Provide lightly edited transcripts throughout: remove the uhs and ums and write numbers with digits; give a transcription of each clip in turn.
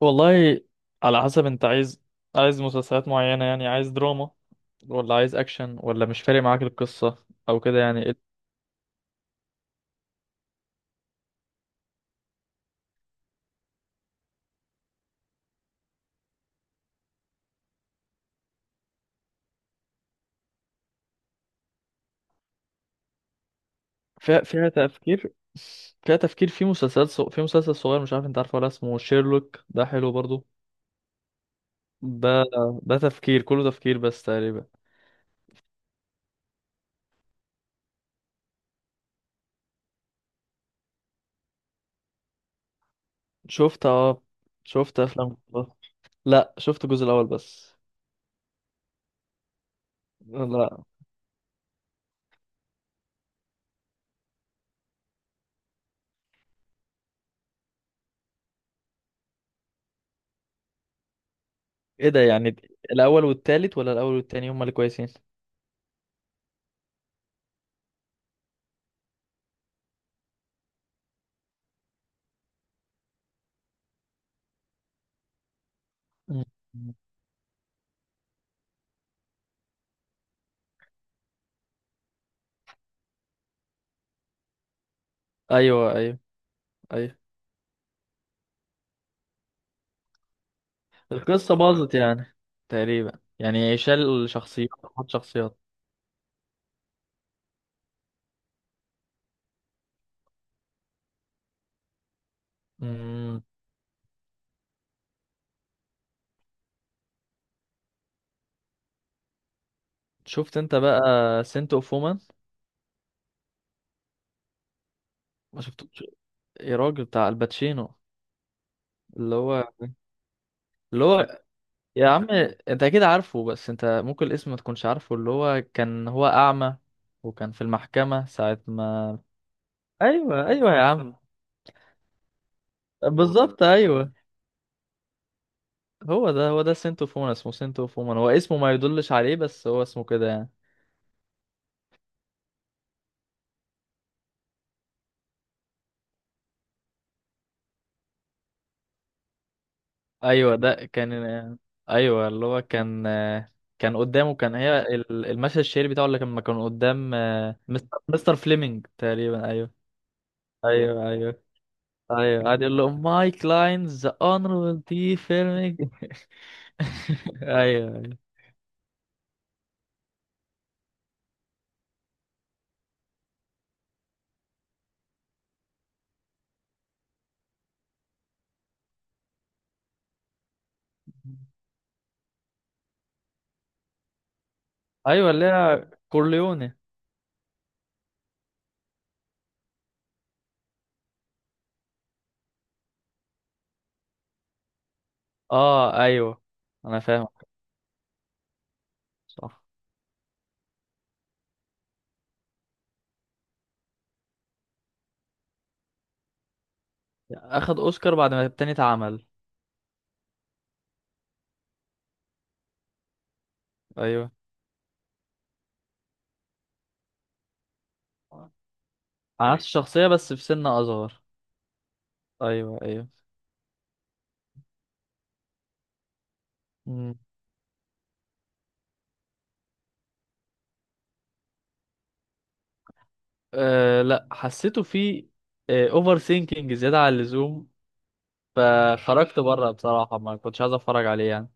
والله، على حسب انت عايز. عايز مسلسلات معينة يعني، عايز دراما ولا عايز اكشن، ولا مش فارق معاك القصة او كده يعني؟ فيها تفكير. فيها تفكير، في مسلسل صغير، مش عارف انت عارفه ولا، اسمه شيرلوك، ده حلو برضو. ده، ده تفكير، كله تفكير بس تقريبا. شفت، اه شفت افلام كتير. لا، شفت الجزء الاول بس. لا. ايه ده يعني؟ الاول والتالت ولا الاول والتاني هما اللي كويسين؟ مم. ايوه ايوه ايوه. القصة باظت يعني، تقريبا يعني، شال شخصيات، حط شخصيات. مم. شفت انت بقى سنت اوف وومن؟ ما شفتوش؟ يا راجل، بتاع الباتشينو، اللي هو، اللي هو، يا عم انت اكيد عارفه، بس انت ممكن الاسم ما تكونش عارفه. اللي هو كان هو اعمى، وكان في المحكمة ساعة ما. ايوه ايوه يا عم. بالظبط ايوه. هو ده، هو ده سنت اوف وومن، اسمه سنت اوف وومن. هو اسمه ما يدلش عليه، بس هو اسمه كده يعني. ايوه ده كان. ايوه، اللي هو كان، كان قدامه كان هي ال- المشهد الشهير بتاعه، اللي كان قدام مستر فليمنج تقريبا. ايوه ايوه ايوه ايوه. قاعد يقول له: ماي كلاينز ذا اونربل دي فيلمينج. ايوه ايوه. ايوه، اللي هي كورليوني. اه ايوه، انا فاهم. صح. اخد اوسكار بعد ما التاني اتعمل. ايوه. على نفس الشخصيه، بس في سن اصغر. ايوه ايوه. أه لا، حسيته فيه اوفر ثينكينج، زياده عن اللزوم، فخرجت بره. بصراحه ما كنتش عايز اتفرج عليه يعني.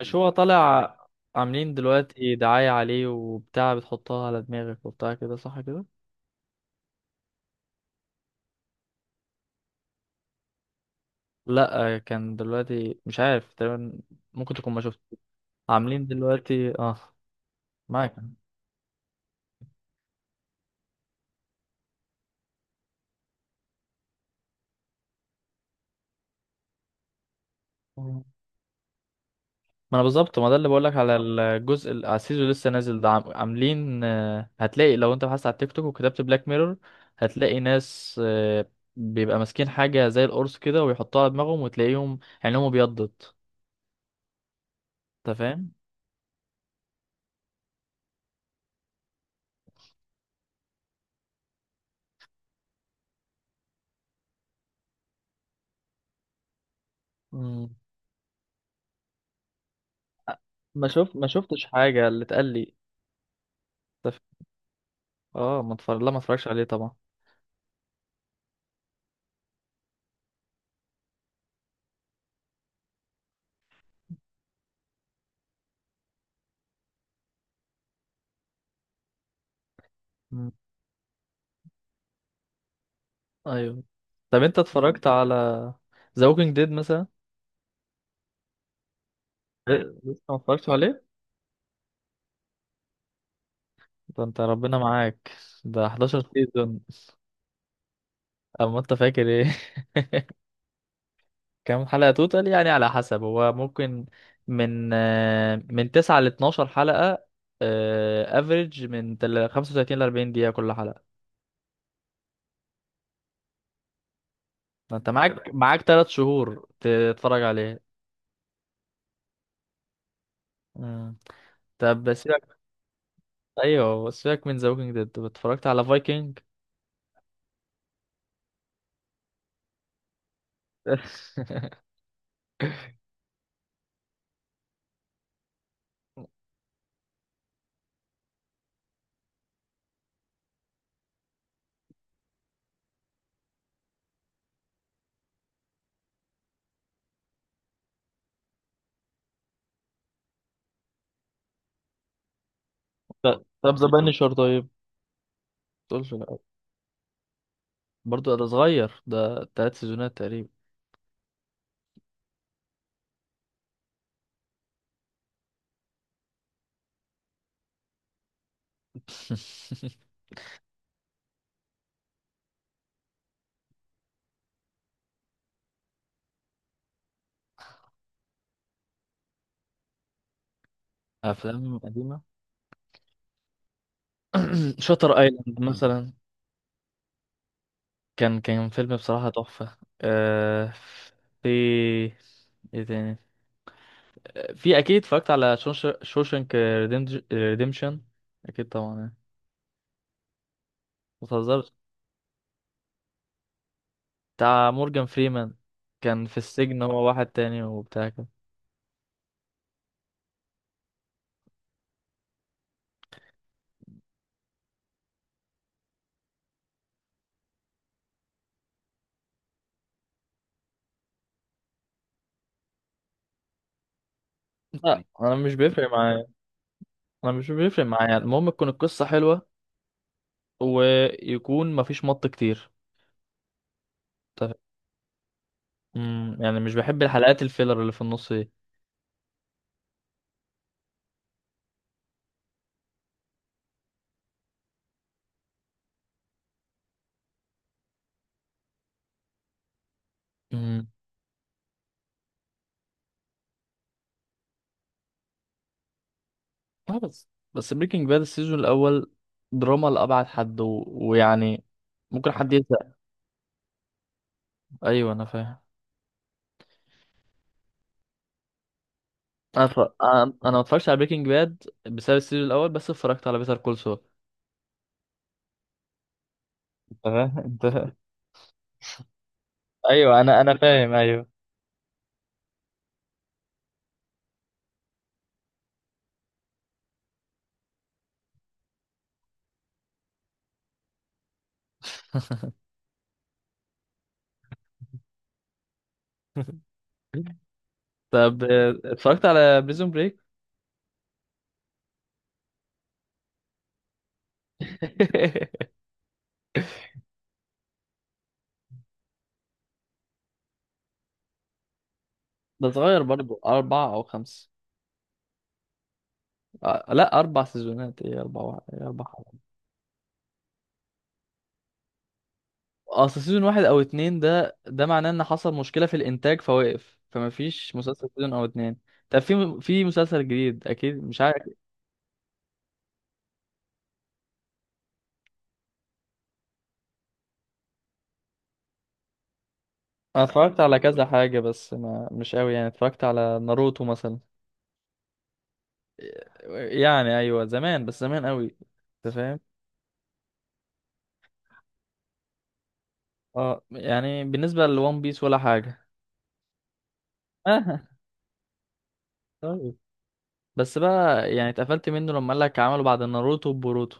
مش هو طالع عاملين دلوقتي دعايه عليه وبتاع، بتحطها على دماغك وبتاع كده، صح كده؟ لا كان دلوقتي، مش عارف تقريبا، ممكن تكون ما شفت. عاملين دلوقتي اه. معاك. ما انا بالظبط، ما ده اللي بقولك، على على السيزون اللي لسه نازل ده. عاملين هتلاقي، لو انت بحثت على التيك توك وكتبت بلاك ميرور، هتلاقي ناس بيبقى ماسكين حاجة زي القرص كده، ويحطوها على دماغهم، وتلاقيهم عينهم ابيضت. انت فاهم. مم. ما شفتش حاجة، اللي اتقال لي. أنت ف- اه، ما اتفرج لا، ما اتفرجش عليه طبعا. مم. ايوه. طب انت اتفرجت على ذا ووكينج ديد مثلا؟ إيه؟ لسه ما اتفرجتش عليه؟ ده انت ربنا معاك، ده 11 سيزون. اما انت فاكر ايه؟ كام حلقة توتال، يعني على حسب هو، ممكن من من 9 ل 12 حلقة. افريج من 35 ل 40 دقيقة كل حلقة. ما انت معاك 3 شهور تتفرج عليه. مم. طب سيبك، ايوه سيبك من ذا ووكينج ديد. اتفرجت على فايكنج؟ طب ذا بانشر طيب؟ تقولش لا؟ برضه ده صغير، ده تلات سيزونات تقريبا. افلام قديمة. شاتر ايلاند مثلا، كان كان فيلم بصراحة تحفة. آه، في، ايه تاني، في اكيد، اتفرجت على شوشنك ريديمشن، اكيد طبعا يعني. متهزرش، بتاع مورجان فريمان، كان في السجن هو واحد تاني وبتاع كده. لا، انا مش بيفرق معايا. انا مش بيفرق معايا، المهم تكون القصة حلوة، ويكون مفيش مط كتير. طب- مم، يعني مش بحب الحلقات الفيلر اللي في النص دي. اه بس، بس بريكنج باد السيزون الاول دراما لأبعد حد، و... ويعني ممكن حد يزهق. ايوه انا فاهم. انا ما اتفرجتش على بريكنج باد بسبب السيزون الاول، بس اتفرجت على بيتر كول سول. انت فاهم؟ انت، ايوه انا فاهم ايوه. طب اتفرجت على بريزون بريك؟ ده صغير برضو، اربعة او خمسة. لا اربع سيزونات، ايه اربعة، واحد، ايه اربعة. اصل سيزون واحد او اتنين، ده ده معناه ان حصل مشكلة في الانتاج فوقف، فما فيش مسلسل سيزون او اتنين. طب في، في مسلسل جديد اكيد مش عارف. انا اتفرجت على كذا حاجة، بس ما مش قوي يعني. اتفرجت على ناروتو مثلا، يعني ايوه زمان، بس زمان قوي. انت فاهم؟ اه يعني بالنسبة لون بيس ولا حاجة. اه طيب. بس بقى يعني اتقفلت منه، لما قال لك عملوا بعد ناروتو بوروتو.